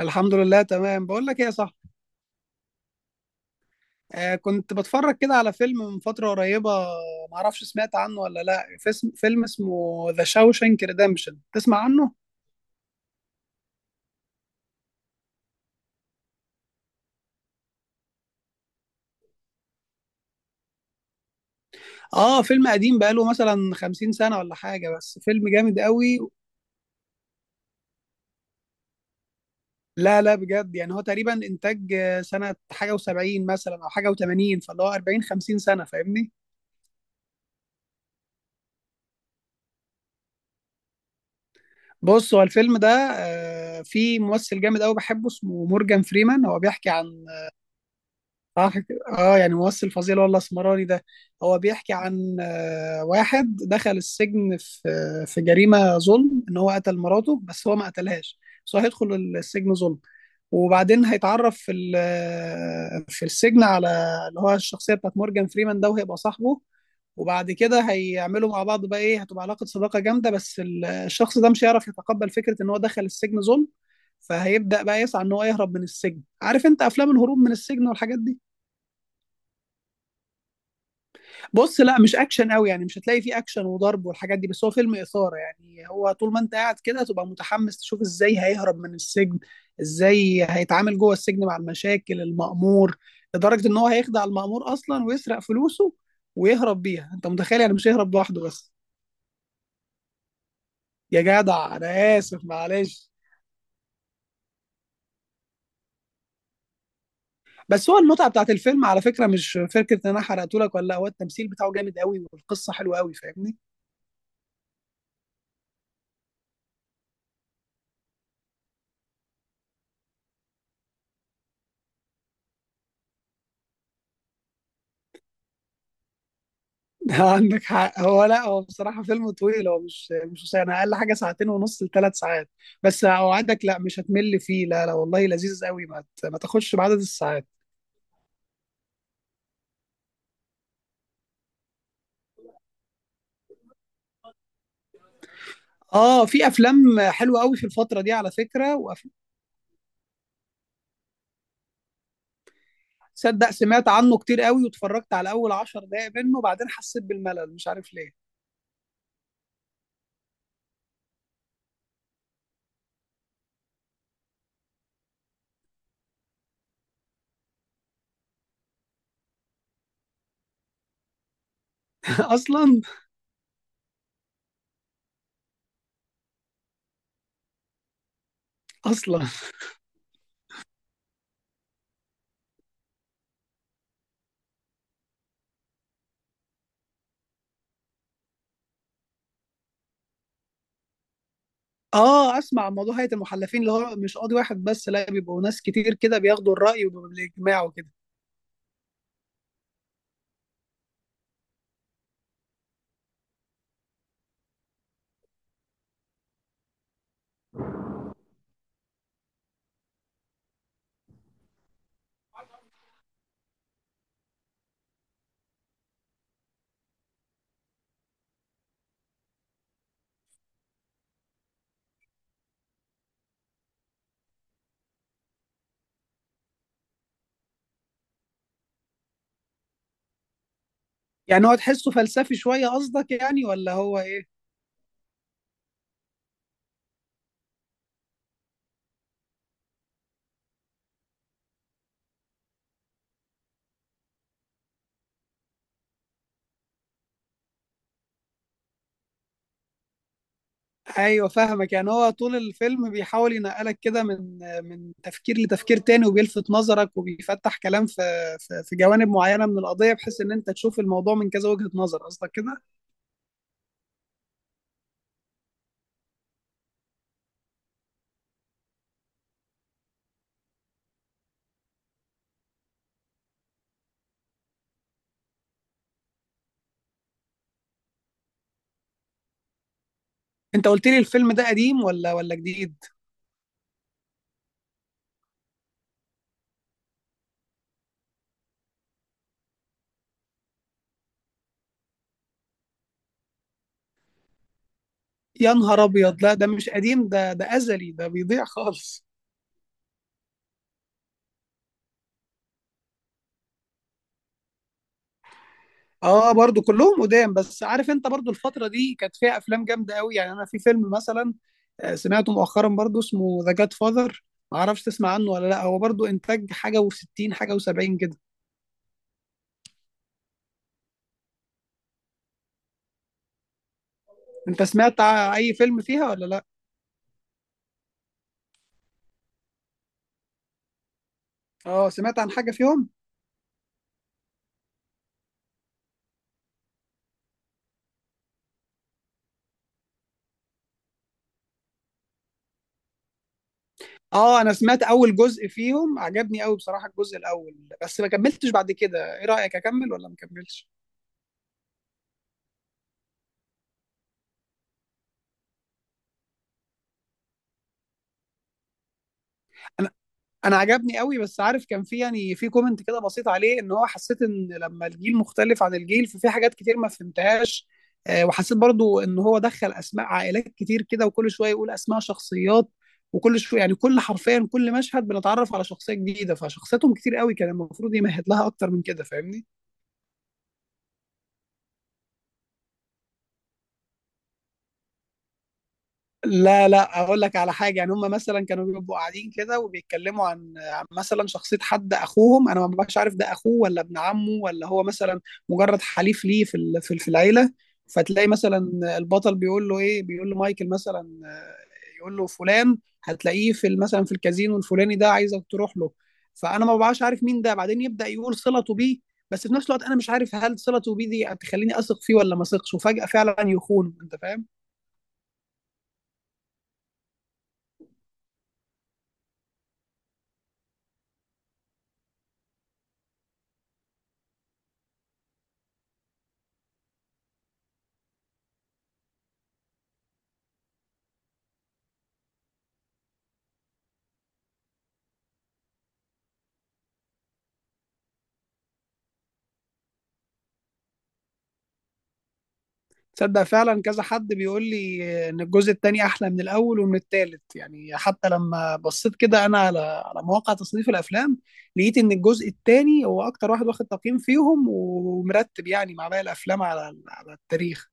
الحمد لله تمام. بقول لك ايه يا صاحبي؟ كنت بتفرج كده على فيلم من فترة قريبة. معرفش سمعت عنه ولا لا. فيلم اسمه ذا شاوشانك ريدمشن، تسمع عنه؟ اه، فيلم قديم بقاله مثلا 50 سنة ولا حاجة، بس فيلم جامد قوي. لا لا بجد، يعني هو تقريبا انتاج سنة حاجة و70 مثلا او حاجة و80، فاللي هو 40 50 سنة، فاهمني؟ بص، هو الفيلم ده فيه ممثل جامد قوي بحبه اسمه مورجان فريمان. هو بيحكي عن. صح كده، اه يعني ممثل فظيع اللي هو الاسمراني ده. هو بيحكي عن واحد دخل السجن في في جريمه ظلم ان هو قتل مراته بس هو ما قتلهاش. بس هو هيدخل السجن ظلم. وبعدين هيتعرف في ال- آه، في السجن على اللي هو الشخصيه بتاعت مورجان فريمان ده، وهيبقى صاحبه. وبعد كده هيعملوا مع بعض، بقى ايه، هتبقى علاقه صداقه جامده. بس الشخص ده مش هيعرف يتقبل فكره ان هو دخل السجن ظلم، فهيبدا بقى يسعى ان هو يهرب من السجن. عارف انت افلام الهروب من السجن والحاجات دي. بص، لا مش اكشن قوي، يعني مش هتلاقي فيه اكشن وضرب والحاجات دي، بس هو فيلم اثاره. يعني هو طول ما انت قاعد كده تبقى متحمس تشوف ازاي هيهرب من السجن، ازاي هيتعامل جوه السجن مع المشاكل المأمور. لدرجه ان هو هيخدع المأمور اصلا ويسرق فلوسه ويهرب بيها. انت متخيل؟ يعني مش هيهرب لوحده بس. يا جدع انا اسف، معلش. بس هو المتعه بتاعت الفيلم على فكره مش فكره ان انا حرقته لك ولا لا، هو التمثيل بتاعه جامد قوي والقصه حلوه قوي، فاهمني؟ عندك حق. هو لا، هو بصراحة فيلم طويل، هو مش قصير. انا اقل حاجة ساعتين ونص لثلاث ساعات. بس اوعدك، لا مش هتمل فيه، لا لا والله لذيذ قوي. ما تاخدش بعدد الساعات. اه في افلام حلوة قوي في الفترة دي على فكرة. تصدق سمعت عنه كتير قوي واتفرجت على اول عشر دقايق منه وبعدين حسيت بالملل مش عارف ليه. اصلا. اصلا. اه، اسمع عن موضوع هيئة المحلفين. اللي هو مش قاضي واحد بس، لا بيبقوا ناس كتير كده بياخدوا الرأي وبالاجماع وكده. يعني هو تحسه فلسفي شوية قصدك، يعني ولا هو ايه؟ ايوه فاهمك. يعني هو طول الفيلم بيحاول ينقلك كده من تفكير لتفكير تاني، وبيلفت نظرك وبيفتح كلام في جوانب معينة من القضية، بحيث ان انت تشوف الموضوع من كذا وجهة نظر، قصدك كده؟ انت قلت لي الفيلم ده قديم ولا جديد؟ يا نهار ابيض، لا ده مش قديم، ده ازلي، ده بيضيع خالص. اه برضو كلهم قدام. بس عارف انت برضو الفترة دي كانت فيها افلام جامدة قوي. يعني انا في فيلم مثلا سمعته مؤخرا برضو اسمه ذا جاد فاذر. ما اعرفش تسمع عنه ولا لا. هو برضو انتاج حاجة و60 حاجة و70 كده. اي فيلم فيها ولا لا؟ اه سمعت عن حاجة فيهم. اه انا سمعت اول جزء فيهم عجبني قوي بصراحة، الجزء الاول. بس ما كملتش بعد كده، ايه رأيك اكمل ولا ما كملش؟ انا عجبني قوي. بس عارف كان في يعني في كومنت كده بسيط عليه، ان هو حسيت ان لما الجيل مختلف عن الجيل ففي حاجات كتير ما فهمتهاش. وحسيت برضو ان هو دخل اسماء عائلات كتير كده، وكل شويه يقول اسماء شخصيات، وكل شويه يعني كل حرفيا كل مشهد بنتعرف على شخصيه جديده، فشخصياتهم كتير قوي، كان المفروض يمهد لها اكتر من كده، فاهمني؟ لا لا، اقول لك على حاجه. يعني هم مثلا كانوا بيبقوا قاعدين كده وبيتكلموا عن مثلا شخصيه حد اخوهم، انا ما ببقاش عارف ده اخوه ولا ابن عمه، ولا هو مثلا مجرد حليف ليه في ال- في في العيله. فتلاقي مثلا البطل بيقول له ايه، بيقول له مايكل مثلا، آه، يقول له فلان هتلاقيه مثلا في الكازينو الفلاني ده، عايزك تروح له. فانا ما ببقاش عارف مين ده، بعدين يبدا يقول صلته بيه، بس في نفس الوقت انا مش عارف هل صلته بيه دي هتخليني اثق فيه ولا ما اثقش، وفجاه فعلا يخون، انت فاهم؟ تصدق فعلا كذا حد بيقول لي ان الجزء الثاني احلى من الاول ومن الثالث. يعني حتى لما بصيت كده انا على مواقع تصنيف الافلام، لقيت ان الجزء الثاني هو اكتر واحد واخد تقييم فيهم ومرتب يعني مع باقي الافلام على التاريخ.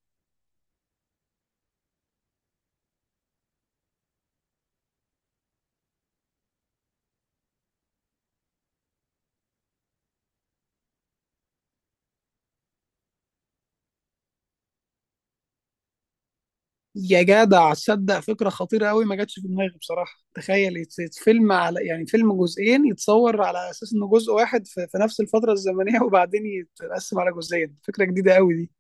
يا جدع تصدق فكره خطيره قوي ما جاتش في دماغي بصراحه. تخيل فيلم على يعني فيلم جزئين يتصور على اساس انه جزء واحد في نفس الفتره الزمنيه وبعدين يتقسم على جزئين، فكره جديده قوي دي.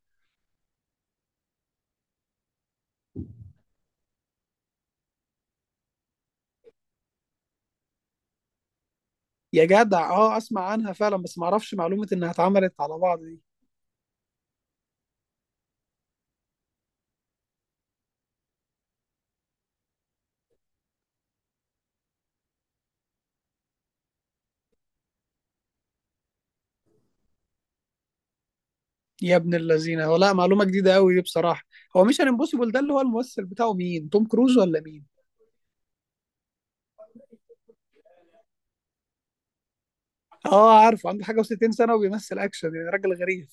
يا جدع اه اسمع عنها فعلا، بس ما اعرفش معلومه انها اتعملت على بعض دي. يا ابن اللذينه، هو لا، معلومه جديده قوي دي بصراحه. هو مش امبوسيبل ده اللي هو الممثل بتاعه مين، توم كروز ولا مين؟ اه عارفه عنده حاجه و60 سنه وبيمثل اكشن، يعني راجل غريب.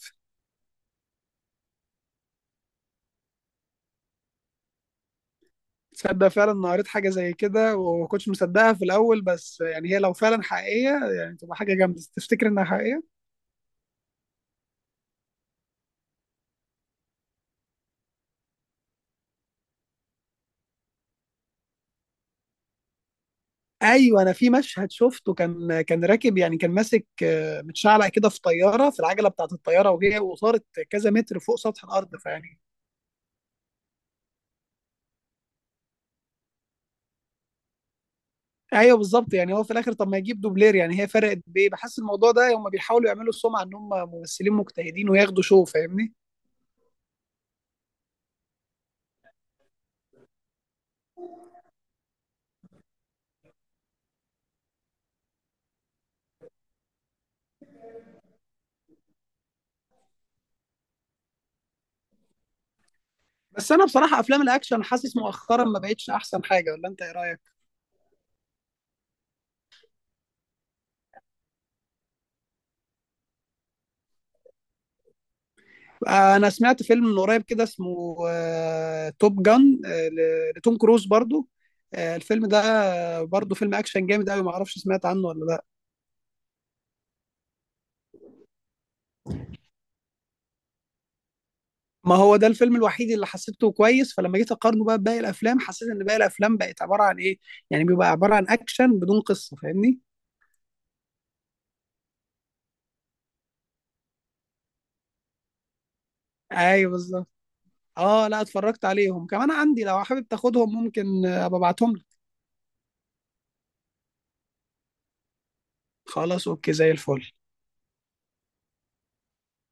تصدق فعلا انا قريت حاجه زي كده وما كنتش مصدقها في الاول. بس يعني هي لو فعلا حقيقيه، يعني تبقى حاجه جامده تفتكر انها حقيقيه. ايوه انا في مشهد شفته كان كان راكب، يعني كان ماسك متشعلق كده في طياره في العجله بتاعت الطياره، وهي وصارت كذا متر فوق سطح الارض، فيعني. ايوه بالظبط، يعني هو في الاخر طب ما يجيب دوبلير، يعني هي فرقت بايه؟ بحس الموضوع ده هم بيحاولوا يعملوا السمعه ان هم ممثلين مجتهدين وياخدوا شو، فاهمني؟ بس انا بصراحه افلام الاكشن حاسس مؤخرا ما بقتش احسن حاجه، ولا انت ايه رايك؟ انا سمعت فيلم من قريب كده اسمه توب جان، لتوم كروز برضو. الفيلم ده برضو فيلم اكشن جامد قوي، ما اعرفش سمعت عنه ولا لا. ما هو ده الفيلم الوحيد اللي حسيته كويس، فلما جيت اقارنه بقى بباقي الافلام حسيت ان باقي الافلام بقت عباره عن ايه. يعني بيبقى عباره عن اكشن بدون قصه، فاهمني؟ ايوه بالظبط. اه لا اتفرجت عليهم، كمان عندي لو حابب تاخدهم، ممكن ابقى ابعتهم لك. خلاص اوكي زي الفل.